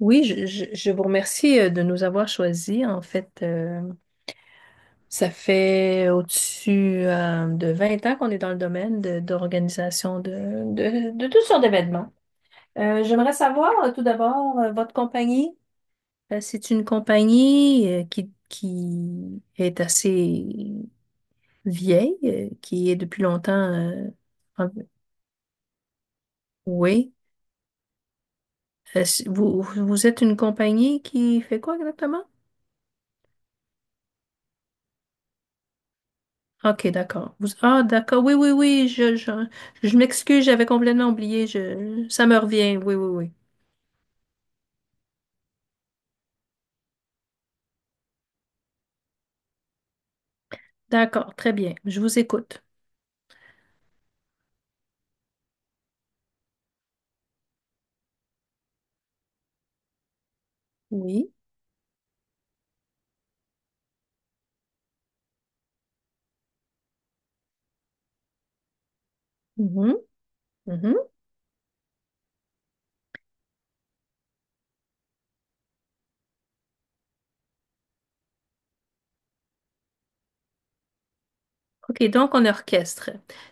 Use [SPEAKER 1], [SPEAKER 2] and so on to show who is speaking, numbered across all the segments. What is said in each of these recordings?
[SPEAKER 1] Oui, je vous remercie de nous avoir choisis. En fait, ça fait au-dessus de 20 ans qu'on est dans le domaine d'organisation de toutes sortes d'événements. J'aimerais savoir tout d'abord votre compagnie. C'est une compagnie qui est assez vieille, qui est depuis longtemps. En- oui. Vous êtes une compagnie qui fait quoi exactement? OK, d'accord. Ah, d'accord. Oui, oui, oui. Je m'excuse, j'avais complètement oublié. Ça me revient. Oui, oui, oui. D'accord, très bien. Je vous écoute. Oui. Mhm, mhm. OK, donc on orchestre.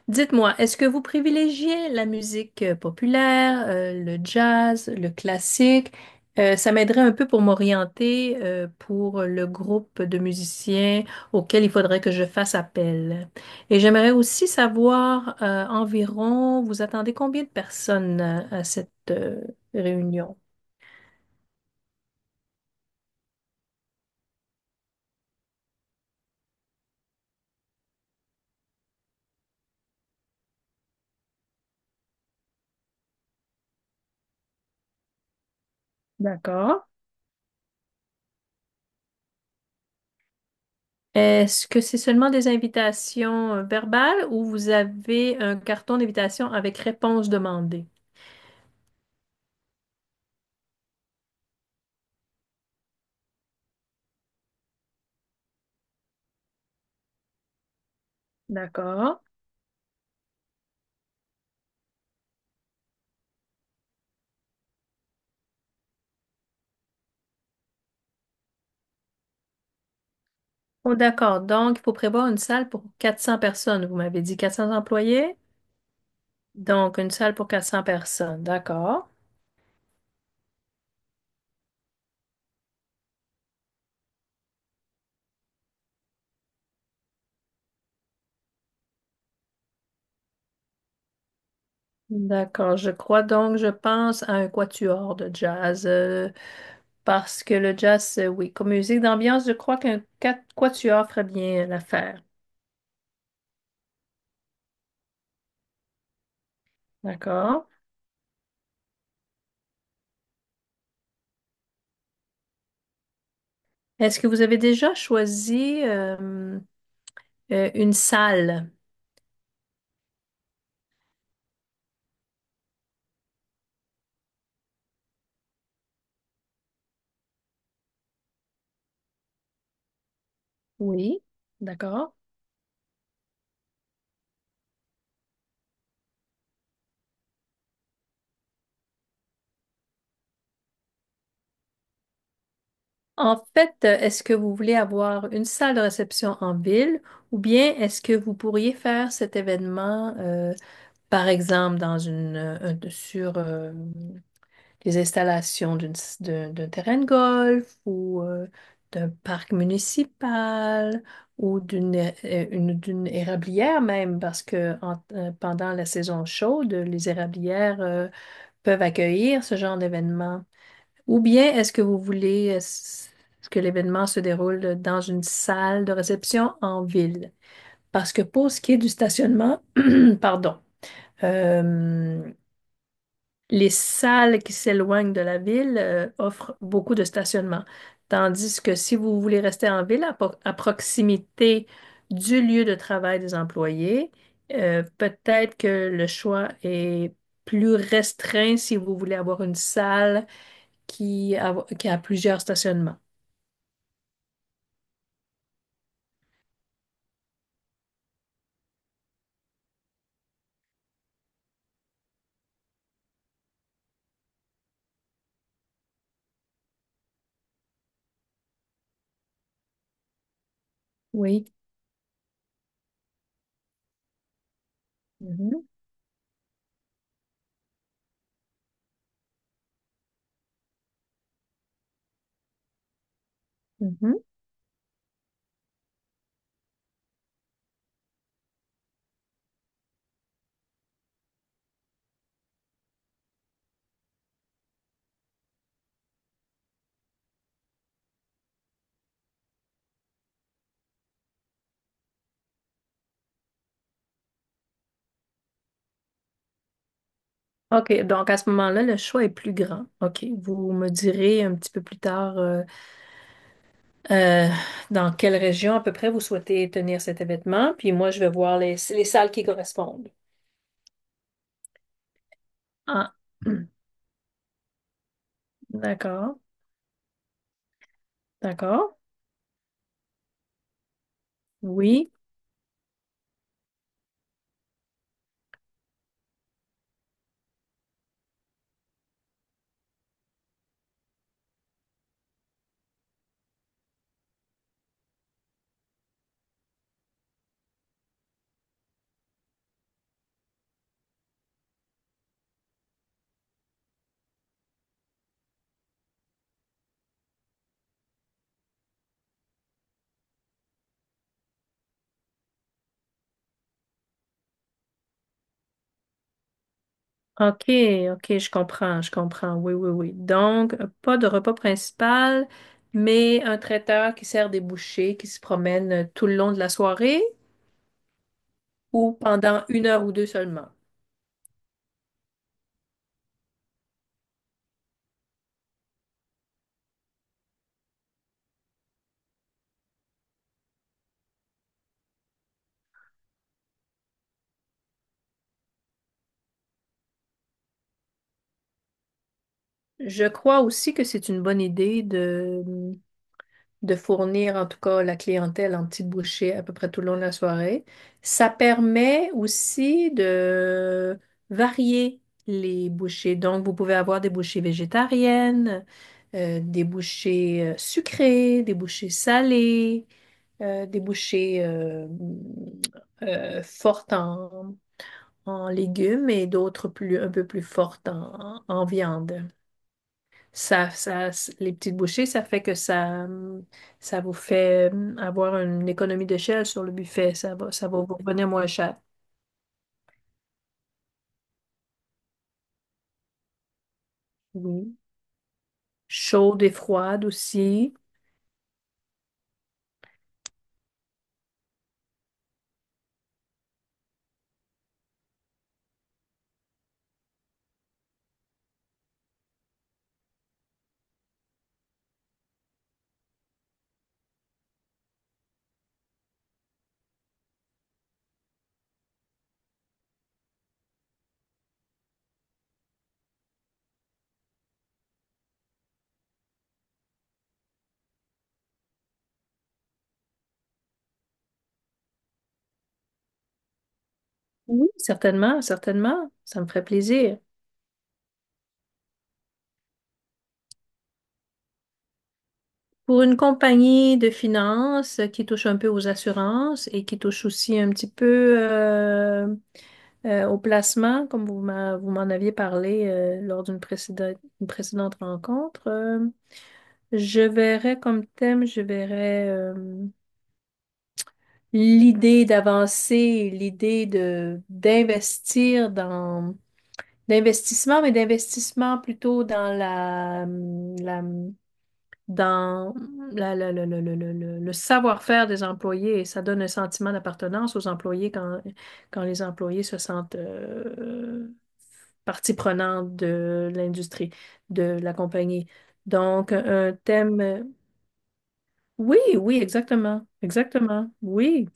[SPEAKER 1] Dites-moi, est-ce que vous privilégiez la musique populaire, le jazz, le classique? Ça m'aiderait un peu pour m'orienter pour le groupe de musiciens auquel il faudrait que je fasse appel. Et j'aimerais aussi savoir environ, vous attendez combien de personnes à cette réunion? D'accord. Est-ce que c'est seulement des invitations verbales ou vous avez un carton d'invitation avec réponse demandée? D'accord. Oh, d'accord. Donc, il faut prévoir une salle pour 400 personnes. Vous m'avez dit 400 employés. Donc, une salle pour 400 personnes. D'accord. D'accord. Je crois donc, je pense à un quatuor de jazz, parce que le jazz, oui, comme musique d'ambiance, je crois qu'un quatuor ferait bien l'affaire. D'accord. Est-ce que vous avez déjà choisi une salle? Oui. D'accord. En fait, est-ce que vous voulez avoir une salle de réception en ville ou bien est-ce que vous pourriez faire cet événement, par exemple, dans sur les installations d'une s- d'un d'un terrain de golf ou d'un parc municipal ou d'une érablière même, parce que pendant la saison chaude, les érablières peuvent accueillir ce genre d'événement. Ou bien est-ce que vous voulez que l'événement se déroule dans une salle de réception en ville? Parce que pour ce qui est du stationnement, pardon, euh, les salles qui s'éloignent de la ville offrent beaucoup de stationnement. Tandis que si vous voulez rester en ville à proximité du lieu de travail des employés, peut-être que le choix est plus restreint si vous voulez avoir une salle qui a plusieurs stationnements. Oui. Mhm, mhm. OK, donc à ce moment-là, le choix est plus grand. OK, vous me direz un petit peu plus tard euh, dans quelle région à peu près vous souhaitez tenir cet événement, puis moi, je vais voir les salles qui correspondent. Ah, hum, d'accord, d'accord. Oui. OK, OK, je comprends, je comprends. Oui, oui, oui. Donc, pas de repas principal, mais un traiteur qui sert des bouchées, qui se promène tout le long de la soirée ou pendant une heure ou deux seulement. Je crois aussi que c'est une bonne idée de fournir en tout cas la clientèle en petits bouchées à peu près tout le long de la soirée. Ça permet aussi de varier les bouchées. Donc, vous pouvez avoir des bouchées végétariennes, des bouchées sucrées, des bouchées salées, des bouchées fortes en légumes et d'autres plus, un peu plus fortes en viande. Ça, les petites bouchées, ça fait que ça, ça vous fait avoir une économie d'échelle sur le buffet. Ça va vous revenir moins cher. Oui. Chaude et froide aussi. Oui, certainement, certainement. Ça me ferait plaisir. Pour une compagnie de finances qui touche un peu aux assurances et qui touche aussi un petit peu au placement, comme vous m'en aviez parlé lors d'une précédente rencontre, je verrais comme thème, je verrais l'idée d'avancer, l'idée de d'investir dans d'investissement, mais d'investissement plutôt dans la dans le savoir-faire des employés. Et ça donne un sentiment d'appartenance aux employés quand les employés se sentent partie prenante de l'industrie, de la compagnie. Donc, un thème. Oui, oui, exactement. Exactement. Oui.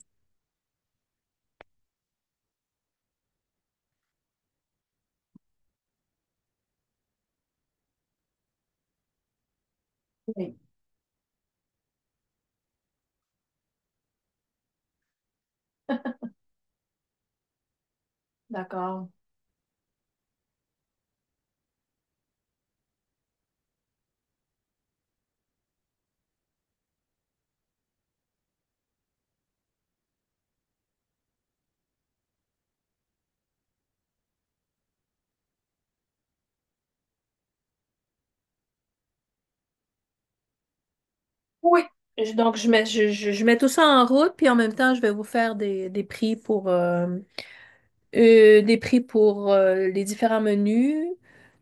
[SPEAKER 1] Oui, d'accord. Oui. Donc, je mets tout ça en route, puis en même temps, je vais vous faire des prix pour les différents menus,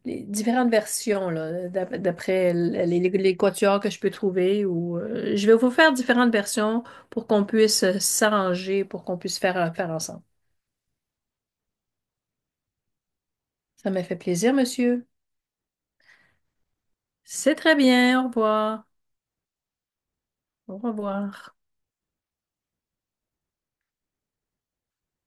[SPEAKER 1] les différentes versions, là, d'après les quatuors que je peux trouver. Ou, je vais vous faire différentes versions pour qu'on puisse s'arranger, pour qu'on puisse faire ensemble. Ça m'a fait plaisir, monsieur. C'est très bien. Au revoir. Au revoir.